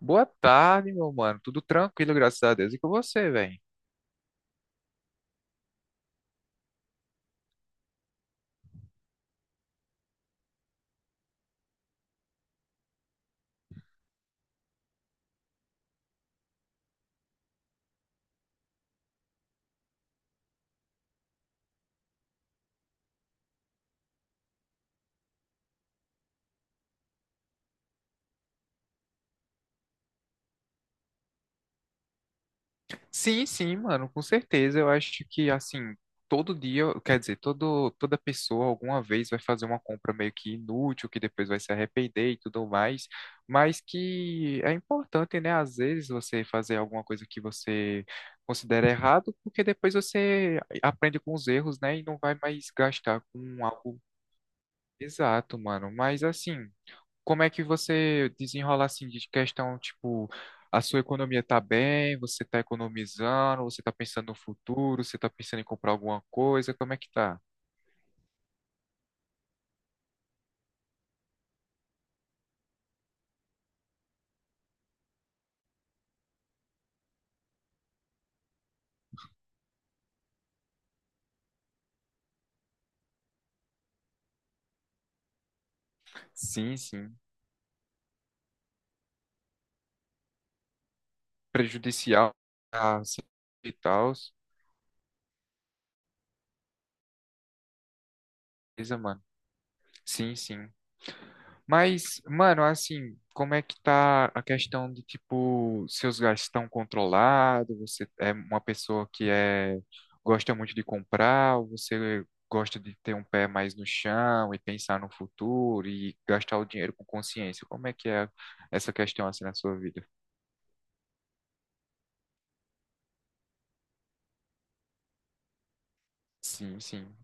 Boa tarde, meu mano. Tudo tranquilo, graças a Deus. E com você, velho? Sim, mano, com certeza. Eu acho que, assim, todo dia, quer dizer, toda pessoa alguma vez vai fazer uma compra meio que inútil, que depois vai se arrepender e tudo mais, mas que é importante, né? Às vezes você fazer alguma coisa que você considera errado, porque depois você aprende com os erros, né? E não vai mais gastar com algo exato, mano. Mas, assim, como é que você desenrola assim de questão, tipo, a sua economia tá bem, você tá economizando, você tá pensando no futuro, você tá pensando em comprar alguma coisa, como é que tá? Sim, sim. Prejudicial. A sim, e tal. Beleza, mano. Sim, sim. Mas, mano, assim, como é que tá a questão de, tipo, seus gastos estão controlados? Você é uma pessoa que é, gosta muito de comprar, ou você gosta de ter um pé mais no chão e pensar no futuro e gastar o dinheiro com consciência? Como é que é essa questão, assim, na sua vida? Sim, sim.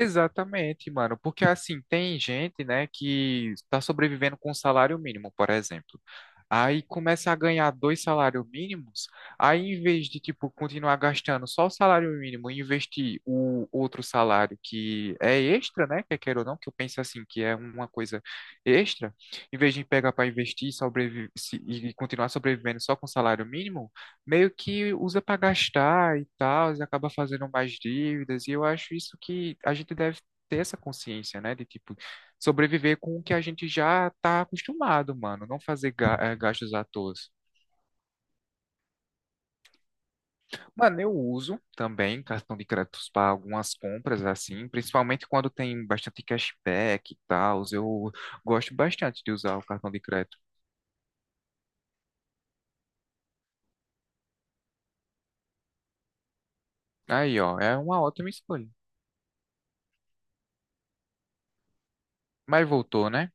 Exatamente, mano, porque assim, tem gente, né, que está sobrevivendo com um salário mínimo, por exemplo. Aí começa a ganhar dois salários mínimos, aí em vez de, tipo, continuar gastando só o salário mínimo e investir o outro salário que é extra, né, que queira ou não, que eu penso assim, que é uma coisa extra, em vez de pegar para investir e e continuar sobrevivendo só com salário mínimo, meio que usa para gastar e tal, e acaba fazendo mais dívidas, e eu acho isso que a gente deve ter essa consciência, né, de tipo sobreviver com o que a gente já tá acostumado, mano, não fazer gastos à toa. Mano, eu uso também cartão de crédito para algumas compras assim, principalmente quando tem bastante cashback e tal, eu gosto bastante de usar o cartão de crédito. Aí, ó, é uma ótima escolha. Mas voltou, né?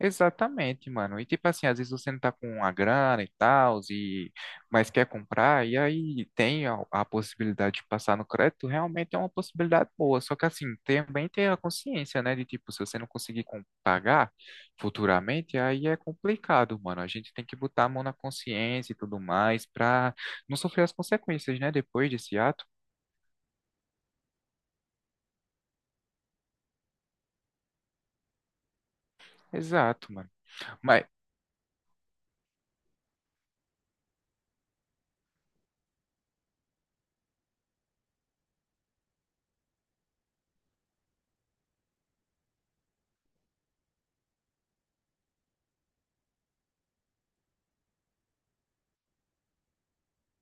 Exatamente, mano. E tipo assim, às vezes você não tá com uma grana e tal, e mas quer comprar, e aí tem a possibilidade de passar no crédito, realmente é uma possibilidade boa. Só que assim, também tem a consciência, né? De tipo, se você não conseguir pagar futuramente, aí é complicado, mano. A gente tem que botar a mão na consciência e tudo mais pra não sofrer as consequências, né? Depois desse ato. Exato, mano. Mas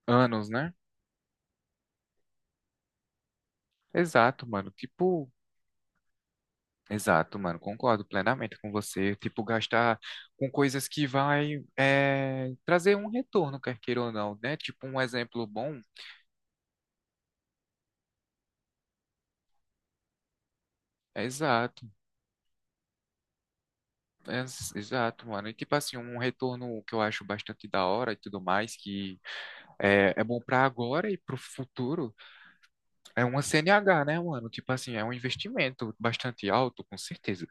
anos, né? Exato, mano. Tipo. Exato, mano, concordo plenamente com você. Tipo, gastar com coisas que vai trazer um retorno, quer queira ou não, né? Tipo, um exemplo bom. é Exato, exato, mano. E tipo assim, um retorno que eu acho bastante da hora e tudo mais, que é bom pra agora e pro futuro, é uma CNH, né, mano? Tipo assim, é um investimento bastante alto, com certeza.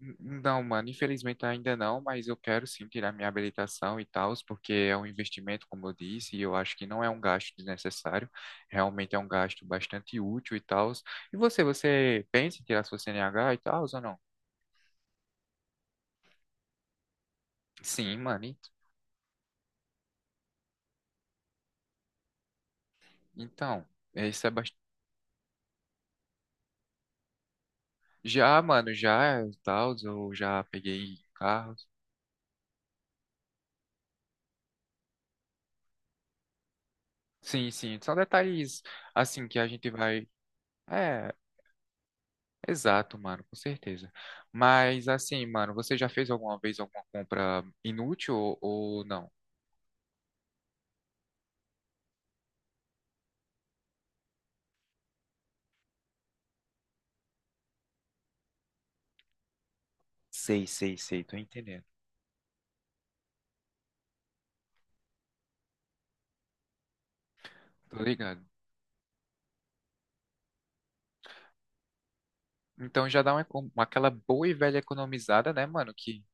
N- Não, mano, infelizmente ainda não, mas eu quero sim tirar minha habilitação e tal, porque é um investimento, como eu disse, e eu acho que não é um gasto desnecessário, realmente é um gasto bastante útil e tal. E você pensa em tirar sua CNH e tal, ou não? Sim, mano, então, é, isso é bastante. Já, mano, já e tal, eu já peguei carros. Sim, sim, são detalhes assim que a gente vai. É, exato, mano, com certeza. Mas assim, mano, você já fez alguma vez alguma compra inútil ou não? Sei, sei, sei, tô entendendo. Tô ligado. Então já dá uma, aquela boa e velha economizada, né, mano? Que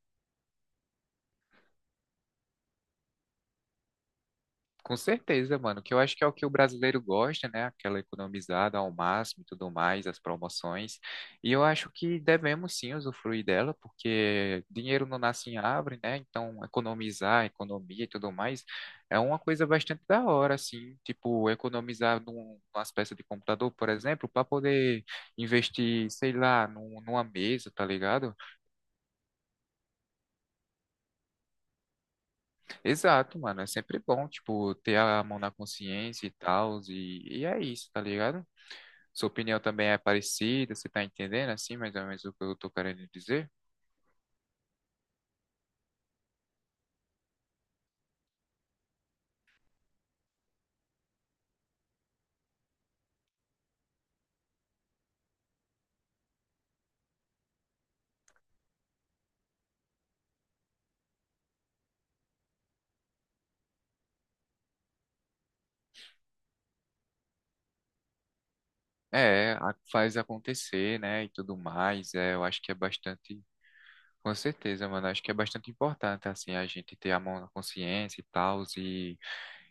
com certeza, mano, que eu acho que é o que o brasileiro gosta, né? Aquela economizada ao máximo e tudo mais, as promoções. E eu acho que devemos sim usufruir dela, porque dinheiro não nasce em árvore, né? Então, economizar, economia e tudo mais é uma coisa bastante da hora, assim. Tipo, economizar numas peças de computador, por exemplo, para poder investir, sei lá, numa mesa, tá ligado? Exato, mano, é sempre bom, tipo, ter a mão na consciência e tal, e é isso, tá ligado? Sua opinião também é parecida, você tá entendendo assim, mais ou menos o que eu tô querendo dizer? É, faz acontecer, né, e tudo mais, é, eu acho que é bastante, com certeza, mano, acho que é bastante importante, assim, a gente ter a mão na consciência e tal,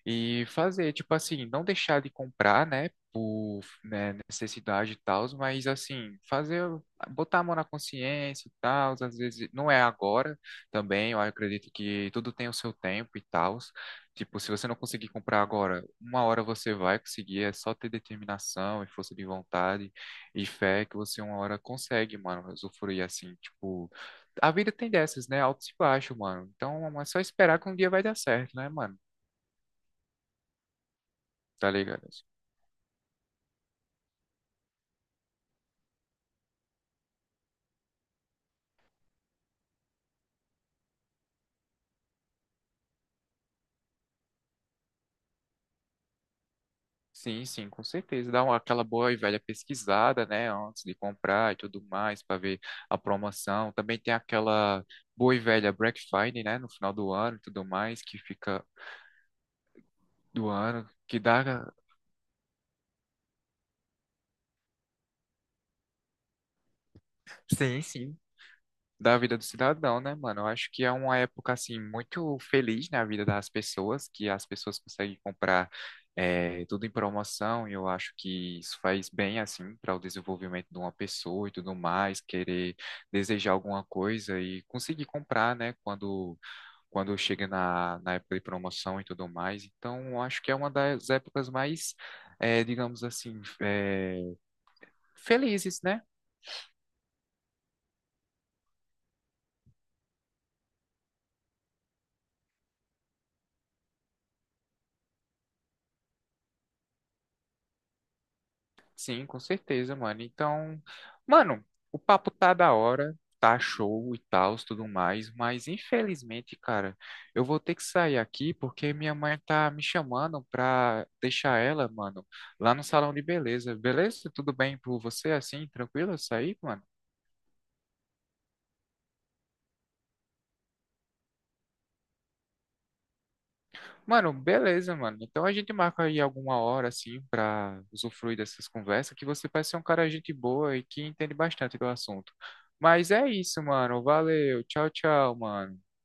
e fazer, tipo assim, não deixar de comprar, né, por, né, necessidade e tal, mas assim, fazer, botar a mão na consciência e tal, às vezes não é agora também, eu acredito que tudo tem o seu tempo e tal. Tipo, se você não conseguir comprar agora, uma hora você vai conseguir, é só ter determinação e força de vontade e fé que você uma hora consegue, mano, usufruir assim, tipo, a vida tem dessas, né, altos e baixos, mano. Então, é só esperar que um dia vai dar certo, né, mano? Tá ligado? Sim, sim, com certeza. Dá uma, aquela boa e velha pesquisada, né, antes de comprar e tudo mais, para ver a promoção. Também tem aquela boa e velha Black Friday, né, no final do ano e tudo mais, que fica do ano, que dá. Sim, sim, da vida do cidadão, né, mano? Eu acho que é uma época, assim, muito feliz na vida das pessoas, que as pessoas conseguem comprar tudo em promoção, e eu acho que isso faz bem, assim, para o desenvolvimento de uma pessoa e tudo mais, querer desejar alguma coisa e conseguir comprar, né, quando chega na, na época de promoção e tudo mais. Então, eu acho que é uma das épocas mais, eh, digamos assim, eh, felizes, né? Sim, com certeza, mano. Então, mano, o papo tá da hora, tá show e tal, tudo mais, mas infelizmente, cara, eu vou ter que sair aqui porque minha mãe tá me chamando pra deixar ela, mano, lá no salão de beleza. Beleza? Tudo bem por você assim, tranquilo eu sair, mano? Mano, beleza, mano. Então a gente marca aí alguma hora assim pra usufruir dessas conversas, que você parece ser um cara gente boa e que entende bastante do assunto. Mas é isso, mano. Valeu. Tchau, tchau, mano.